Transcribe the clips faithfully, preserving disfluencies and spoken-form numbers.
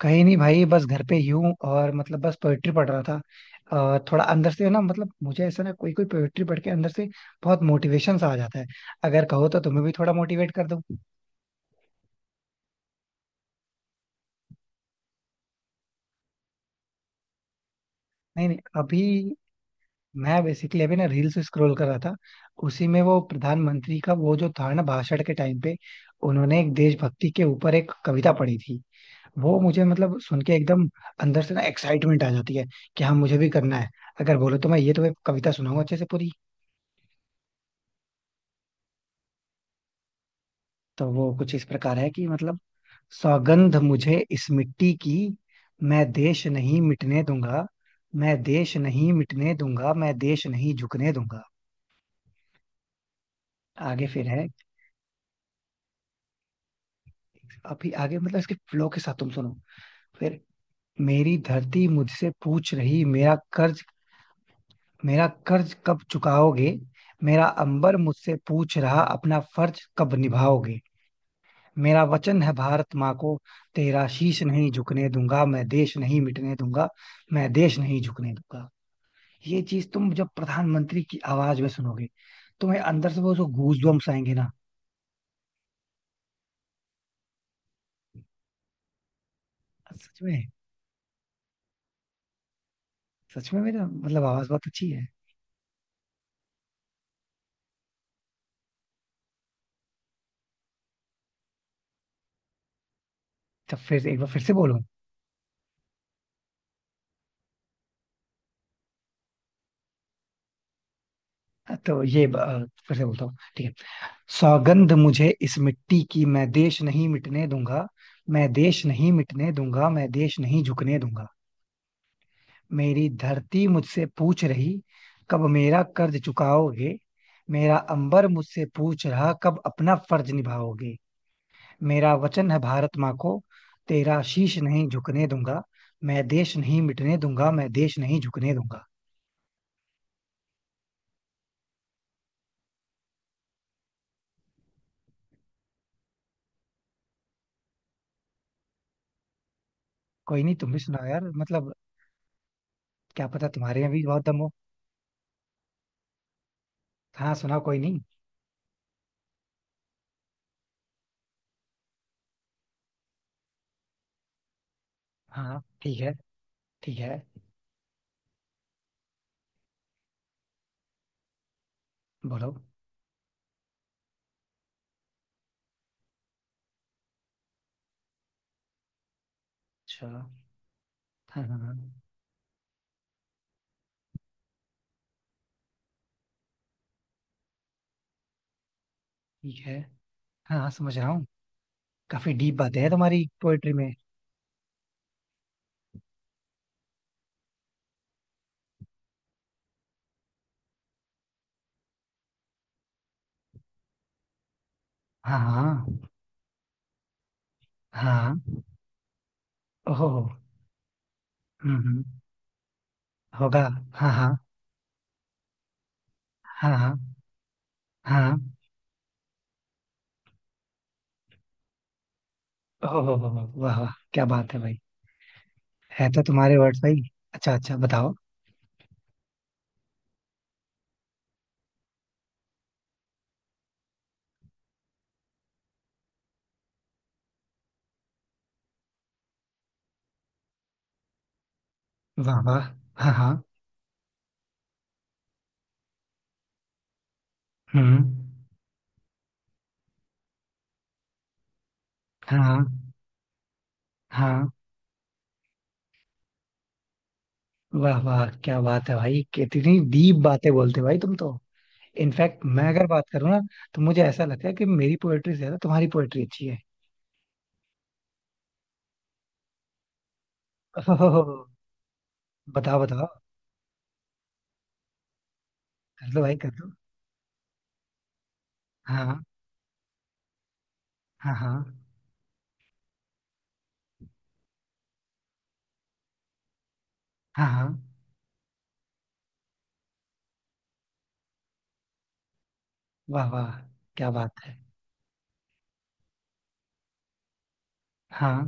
कहीं नहीं भाई, बस घर पे ही हूँ। और मतलब बस पोएट्री पढ़ रहा था। अ, थोड़ा अंदर से ना, मतलब मुझे ऐसा ना कोई कोई पोएट्री पढ़ के अंदर से बहुत मोटिवेशन सा आ जाता है। अगर कहो तो तुम्हें भी थोड़ा मोटिवेट कर दूँ। नहीं नहीं, अभी मैं बेसिकली अभी ना रील्स स्क्रॉल कर रहा था। उसी में वो प्रधानमंत्री का वो जो था ना, भाषण के टाइम पे उन्होंने एक देशभक्ति के ऊपर एक कविता पढ़ी थी। वो मुझे मतलब सुन के एकदम अंदर से ना एक्साइटमेंट आ जाती है कि हाँ, मुझे भी करना है। अगर बोलो तो मैं ये तुम्हें कविता सुनाऊंगा अच्छे से पूरी। तो वो कुछ इस प्रकार है कि मतलब, सौगंध मुझे इस मिट्टी की, मैं देश नहीं मिटने दूंगा। मैं देश नहीं मिटने दूंगा, मैं देश नहीं झुकने दूंगा। आगे फिर है, अभी आगे मतलब इसके फ्लो के साथ तुम सुनो। फिर, मेरी धरती मुझसे पूछ रही, मेरा कर्ज, मेरा कर्ज कब चुकाओगे। मेरा अंबर मुझसे पूछ रहा, अपना फर्ज कब निभाओगे। मेरा वचन है भारत माँ को, तेरा शीश नहीं झुकने दूंगा। मैं देश नहीं मिटने दूंगा, मैं देश नहीं झुकने दूंगा। ये चीज तुम जब प्रधानमंत्री की आवाज में सुनोगे, तुम्हें अंदर से वो जो गूज बम्स आएंगे ना, सच में। सच में मेरा मतलब आवाज बहुत अच्छी है। तो फिर एक बार फिर से बोलूं। तो ये अ, फिर से बोलता हूँ, ठीक है। सौगंध मुझे इस मिट्टी की, मैं देश नहीं मिटने दूंगा। मैं देश नहीं मिटने दूंगा, मैं देश नहीं झुकने दूंगा। मेरी धरती मुझसे पूछ रही, कब मेरा कर्ज चुकाओगे। मेरा अंबर मुझसे पूछ रहा, कब अपना फर्ज निभाओगे। मेरा वचन है भारत माँ को, तेरा शीश नहीं झुकने दूंगा। मैं देश नहीं मिटने दूंगा, मैं देश नहीं झुकने दूंगा। कोई नहीं, तुम भी सुनाओ यार, मतलब क्या पता तुम्हारे में भी बहुत दम हो। हाँ सुनाओ, कोई नहीं। हाँ ठीक है। ठीक है, बोलो। अच्छा हाँ। हाँ हाँ, ठीक है। हाँ हाँ, समझ रहा हूँ। काफी डीप बातें हैं तुम्हारी पोएट्री में। हाँ। हाँ। हाँ। ओह। हम्म हम्म, होगा। हाँ हाँ। हाँ। हाँ हाँ। ओह हो, हो, हो, वाह वाह, क्या बात है भाई। है तो तुम्हारे वर्ड्स भाई। अच्छा अच्छा, बताओ। वाह वाह। हाँ हाँ। हम्म। हाँ हाँ। हाँ। वाह वाह, क्या बात है भाई, कितनी डीप बातें बोलते हो भाई तुम तो। इनफैक्ट मैं अगर बात करूँ ना, तो मुझे ऐसा लगता है कि मेरी पोएट्री से ज्यादा तुम्हारी पोएट्री अच्छी है। ओह हो, हो, हो, बताओ बताओ। कर दो भाई, कर दो। हाँ हाँ। हाँ हाँ। हाँ। वाह वाह, क्या बात है। हाँ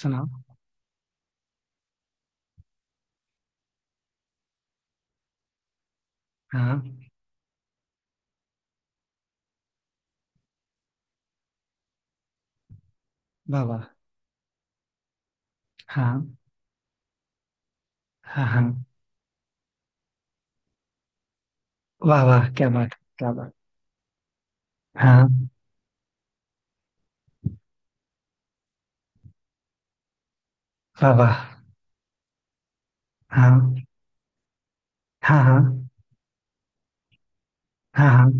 सुनाओ। हाँ। वाह वाह। हाँ हाँ। हाँ। वाह वाह, क्या बात, क्या बात। हाँ। वाह वाह। हाँ हाँ हाँ। हाँ हाँ।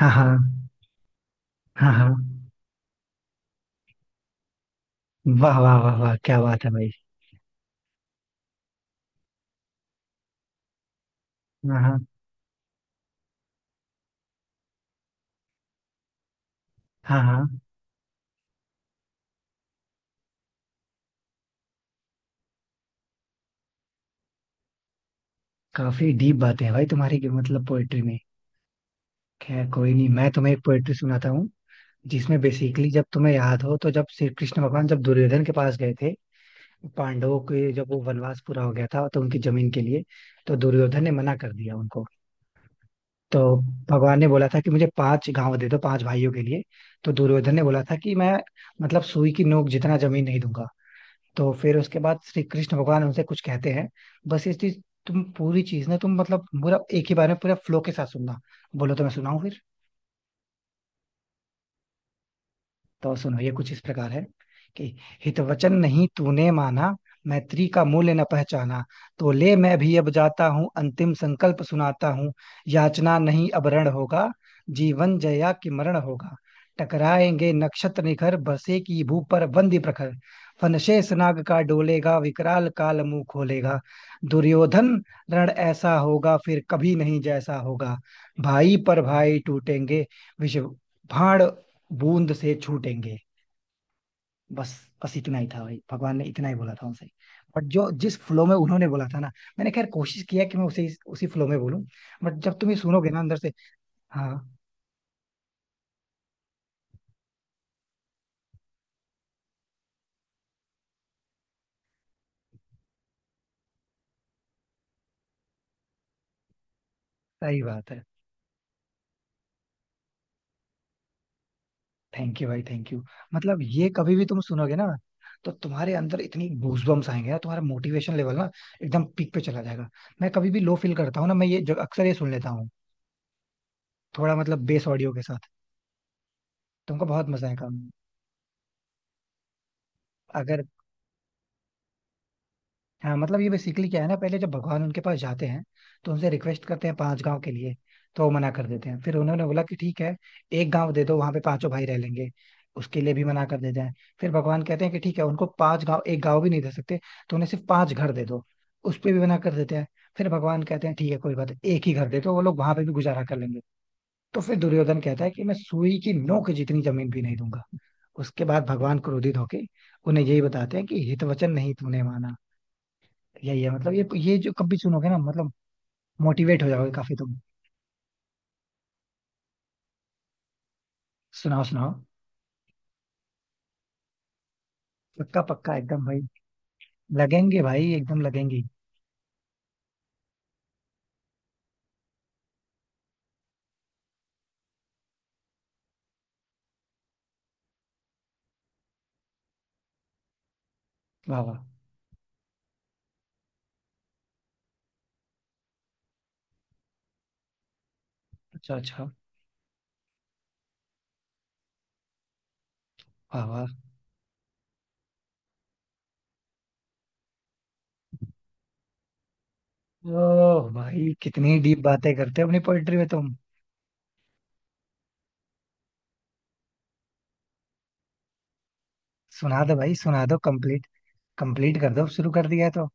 हाँ। हाँ हाँ। हाँ। वाह वाह वाह वाह, क्या बात है भाई। हाँ हाँ। हाँ हाँ। काफी डीप बातें हैं भाई तुम्हारी की मतलब पोएट्री में। खैर कोई नहीं, मैं तुम्हें एक पोएट्री सुनाता हूँ। जिसमें बेसिकली, जब तुम्हें याद हो तो, जब श्री कृष्ण भगवान जब दुर्योधन के पास गए थे, पांडवों के जब वो वनवास पूरा हो गया था तो उनकी जमीन के लिए, तो दुर्योधन ने मना कर दिया उनको। तो भगवान ने बोला था कि मुझे पांच गांव दे दो, पांच भाइयों के लिए। तो दुर्योधन ने बोला था कि मैं, मतलब सुई की नोक जितना जमीन नहीं दूंगा। तो फिर उसके बाद श्री कृष्ण भगवान उनसे कुछ कहते हैं। बस इस चीज, तुम पूरी चीज ना, तुम मतलब पूरा एक ही बार में पूरा फ्लो के साथ सुनना। बोलो तो मैं सुनाऊं फिर। तो सुनो, ये कुछ इस प्रकार है कि, हित वचन नहीं तूने माना, मैत्री का मूल्य न पहचाना। तो ले, मैं भी अब जाता हूँ, अंतिम संकल्प सुनाता हूँ। याचना नहीं अब रण होगा, जीवन जया कि मरण होगा। टकराएंगे नक्षत्र निखर, बसे की भू पर बंदी प्रखर। फनशेष नाग का डोलेगा, विकराल काल मुंह खोलेगा। दुर्योधन, रण ऐसा होगा, फिर कभी नहीं जैसा होगा। भाई पर भाई टूटेंगे, विष, भाण, बूंद से छूटेंगे। बस, बस इतना ही था भाई, भगवान ने इतना ही बोला था उनसे। बट जो जिस फ्लो में उन्होंने बोला था ना, मैंने खैर कोशिश किया कि मैं उसे उसी फ्लो में बोलूं। बट जब तुम ये सुनोगे ना अंदर से। हाँ। सही बात है। थैंक यू भाई, थैंक यू। मतलब ये कभी भी तुम सुनोगे ना, तो तुम्हारे अंदर इतनी गूजबम्स आएंगे ना, तुम्हारा मोटिवेशन लेवल ना एकदम पीक पे चला जाएगा। मैं कभी भी लो फील करता हूँ ना, मैं ये जो अक्सर ये सुन लेता हूँ, थोड़ा मतलब बेस ऑडियो के साथ। तुमको बहुत मजा आएगा। अगर। हाँ मतलब ये बेसिकली क्या है ना, पहले जब भगवान उनके पास जाते हैं तो उनसे रिक्वेस्ट करते हैं पांच गांव के लिए। तो वो मना कर देते हैं। फिर उन्होंने बोला कि ठीक है, एक गांव दे दो, वहां पे पांचों भाई रह लेंगे। उसके लिए भी मना कर देते हैं। फिर भगवान कहते हैं कि ठीक है, उनको पांच गांव एक गांव भी नहीं दे सकते तो उन्हें सिर्फ पांच घर दे दो। उस पे भी मना कर देते हैं। फिर भगवान कहते हैं ठीक है, कोई बात नहीं, एक ही घर दे दो, वो लोग वहां पे भी गुजारा कर लेंगे। तो फिर दुर्योधन कहता है कि मैं सुई की नोक जितनी जमीन भी नहीं दूंगा। उसके बाद भगवान क्रोधित होके उन्हें यही बताते हैं कि हित वचन नहीं तूने माना। यही है, मतलब ये ये जो कभी सुनोगे ना, मतलब मोटिवेट हो जाओगे काफी तुम। सुनाओ सुनाओ। पक्का पक्का एकदम भाई। लगेंगे भाई, एकदम लगेंगे। वाह वाह। अच्छा अच्छा। वाह वाह। ओह भाई, कितनी डीप बातें करते हो अपनी पोएट्री में तुम। सुना दो भाई, सुना दो कंप्लीट। कंप्लीट कर दो, अब शुरू कर दिया है तो।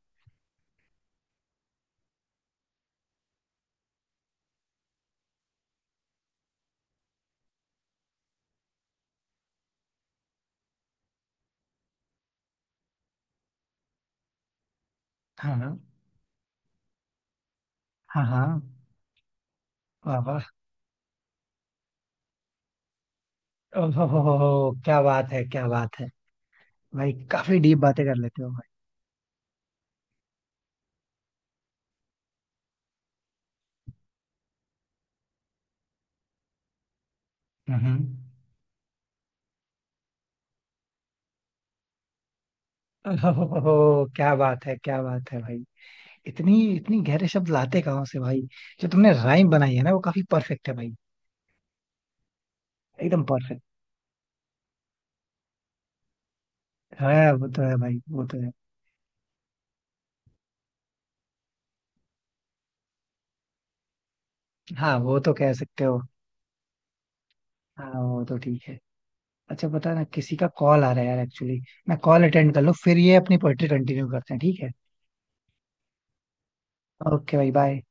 हाँ। हाँ। हाँ। हाँ। वाह वाह। ओह हो, हो, हो, हो, क्या बात है, क्या बात है भाई। काफी डीप बातें कर लेते हो भाई। हम्म। ओह, हो, हो, हो, क्या बात है, क्या बात है भाई। इतनी इतनी गहरे शब्द लाते कहाँ से भाई। जो तुमने राइम बनाई है ना, वो काफी परफेक्ट है भाई। एकदम परफेक्ट। है वो, तो है भाई, वो तो है। हाँ, वो तो कह सकते हो। हाँ, वो तो ठीक है। अच्छा, पता ना किसी का कॉल आ रहा है यार एक्चुअली। मैं कॉल अटेंड कर लूँ, फिर ये अपनी पोएट्री कंटिन्यू करते हैं, ठीक है। ओके भाई, बाय।